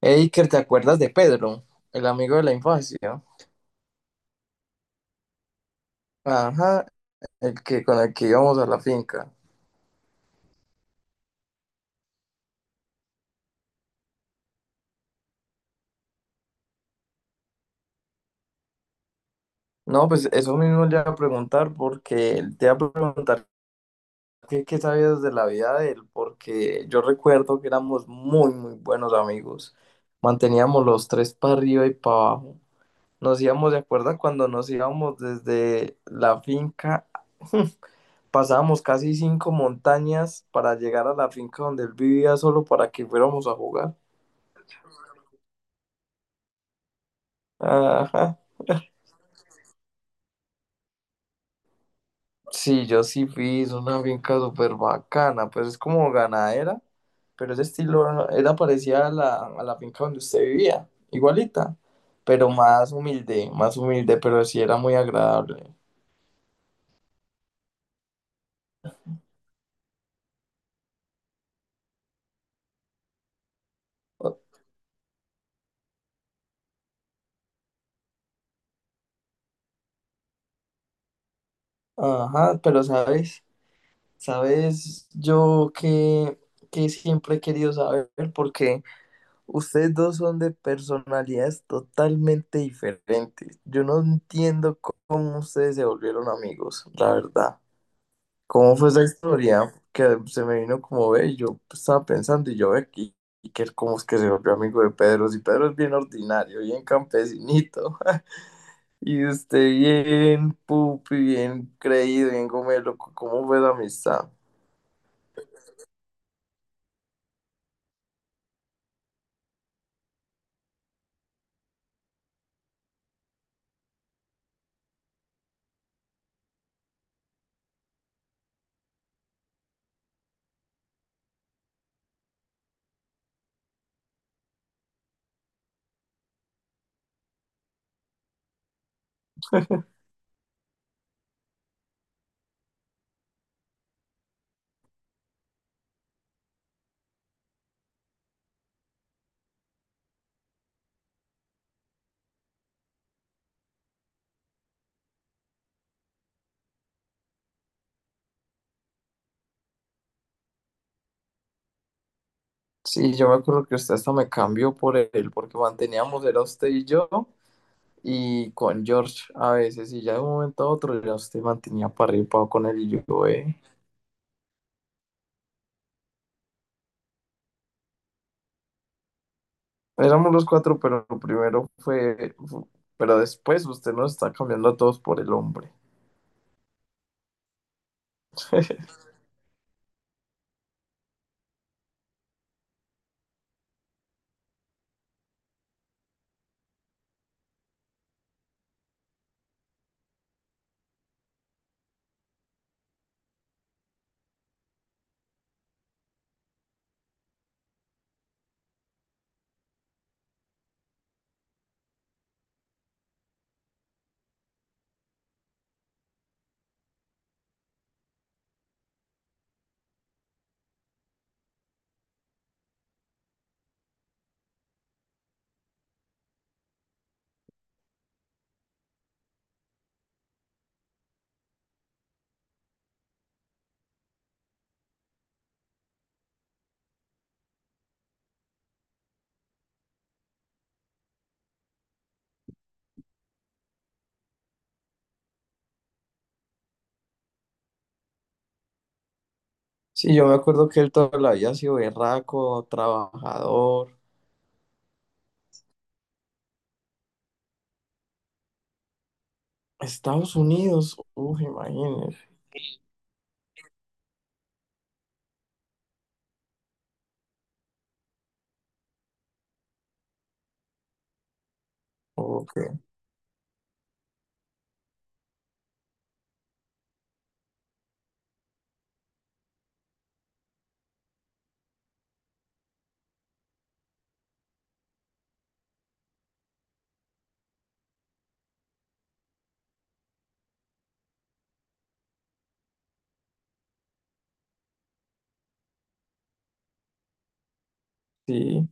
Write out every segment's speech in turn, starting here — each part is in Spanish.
Eiker, ¿te acuerdas de Pedro, el amigo de la infancia? Ajá, el que con el que íbamos a la finca. No, pues eso mismo le iba a preguntar porque él te iba a preguntar qué sabías de la vida de él, porque yo recuerdo que éramos muy, muy buenos amigos. Manteníamos los tres para arriba y para abajo. Nos íbamos, ¿de acuerdo? Cuando nos íbamos desde la finca, pasábamos casi cinco montañas para llegar a la finca donde él vivía solo para que fuéramos a jugar. Ajá. Sí, yo sí fui, es una finca súper bacana, pues es como ganadera, pero ese estilo no, era parecida a la finca donde usted vivía, igualita, pero más humilde, pero sí era muy agradable. O- Ajá, pero sabes, sabes, yo que siempre he querido saber, porque ustedes dos son de personalidades totalmente diferentes. Yo no entiendo cómo ustedes se volvieron amigos, la verdad. ¿Cómo fue esa historia? Que se me vino como ve, yo estaba pensando y yo ve aquí, y que cómo es que se volvió amigo de Pedro, si Pedro es bien ordinario, bien campesinito, y usted bien pupi, bien creído, bien gomelo, ¿cómo fue la amistad? Sí, yo me acuerdo que usted hasta me cambió por él, porque manteníamos, era usted y yo, y con George a veces, y ya de un momento a otro ya usted mantenía para arriba con él y yo, ve. Éramos los cuatro, pero primero pero después usted nos está cambiando a todos por el hombre. Sí, yo me acuerdo que él toda la vida ha sido berraco, trabajador. Estados Unidos, uff, imagínese. Ok, sí,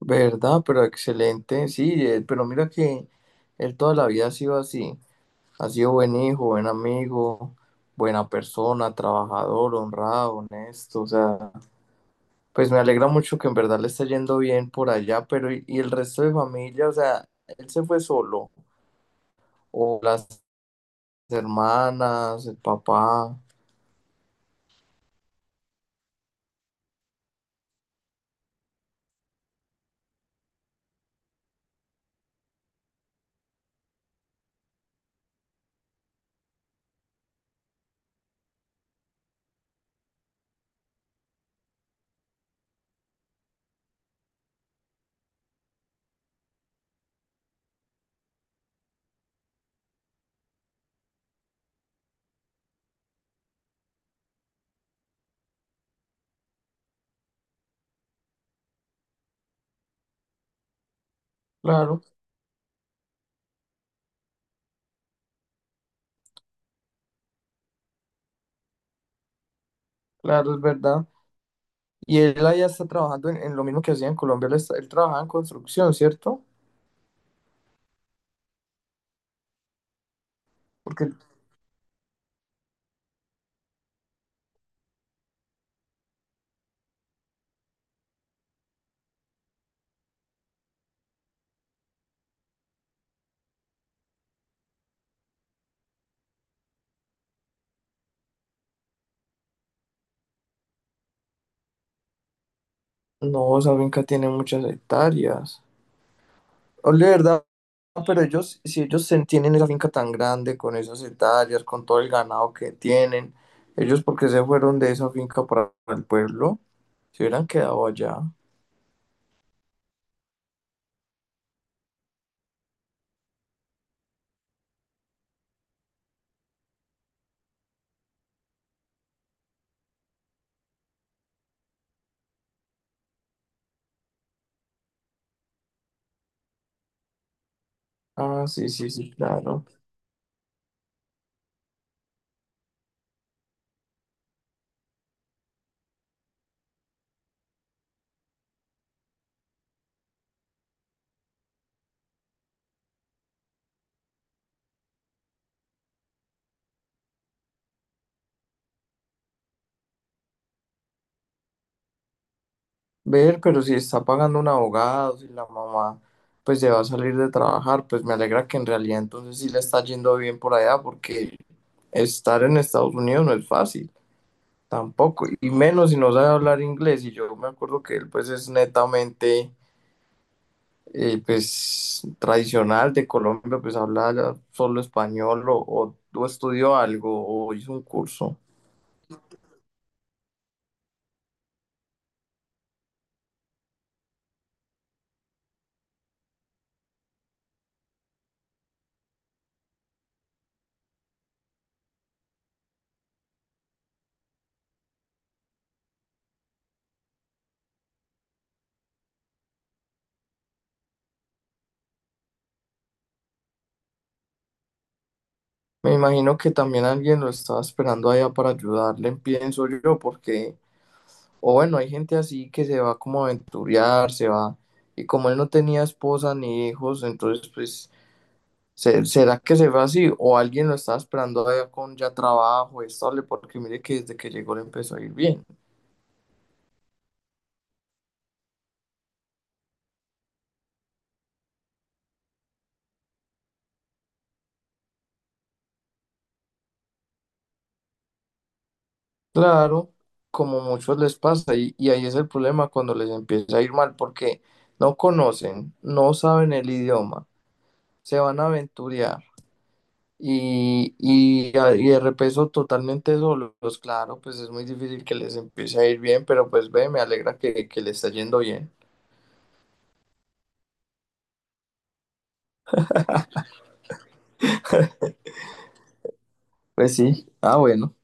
verdad, pero excelente. Sí, pero mira que él toda la vida ha sido así. Ha sido buen hijo, buen amigo, buena persona, trabajador, honrado, honesto. O sea. Pues me alegra mucho que en verdad le esté yendo bien por allá, pero y el resto de familia? O sea, él se fue solo, o las hermanas, el papá. Claro, claro, es verdad. Y él allá está trabajando en lo mismo que hacía en Colombia, él, él trabajaba en construcción, ¿cierto? Porque no, esa finca tiene muchas hectáreas. Ole, ¿verdad? Pero ellos, si tienen esa finca tan grande, con esas hectáreas, con todo el ganado que tienen, ellos porque se fueron de esa finca para el pueblo. Se hubieran quedado allá. Ah, sí, sí, sí, claro. Ver, pero si está pagando un abogado, si la mamá pues se va a salir de trabajar, pues me alegra que en realidad entonces sí le está yendo bien por allá, porque estar en Estados Unidos no es fácil, tampoco, y menos si no sabe hablar inglés. Y yo me acuerdo que él pues es netamente pues tradicional de Colombia, pues habla ya solo español o estudió algo o hizo un curso. Me imagino que también alguien lo estaba esperando allá para ayudarle, pienso yo, porque, o bueno, hay gente así que se va como a aventurear, se va, y como él no tenía esposa ni hijos, entonces pues, ¿será que se va así? O alguien lo estaba esperando allá con ya trabajo estable, porque mire que desde que llegó le empezó a ir bien. Claro, como muchos les pasa, y ahí es el problema cuando les empieza a ir mal, porque no conocen, no saben el idioma, se van a aventurear Y de repeso totalmente solos, claro, pues es muy difícil que les empiece a ir bien, pero pues ve, me alegra que le está yendo bien. Pues sí, ah, bueno.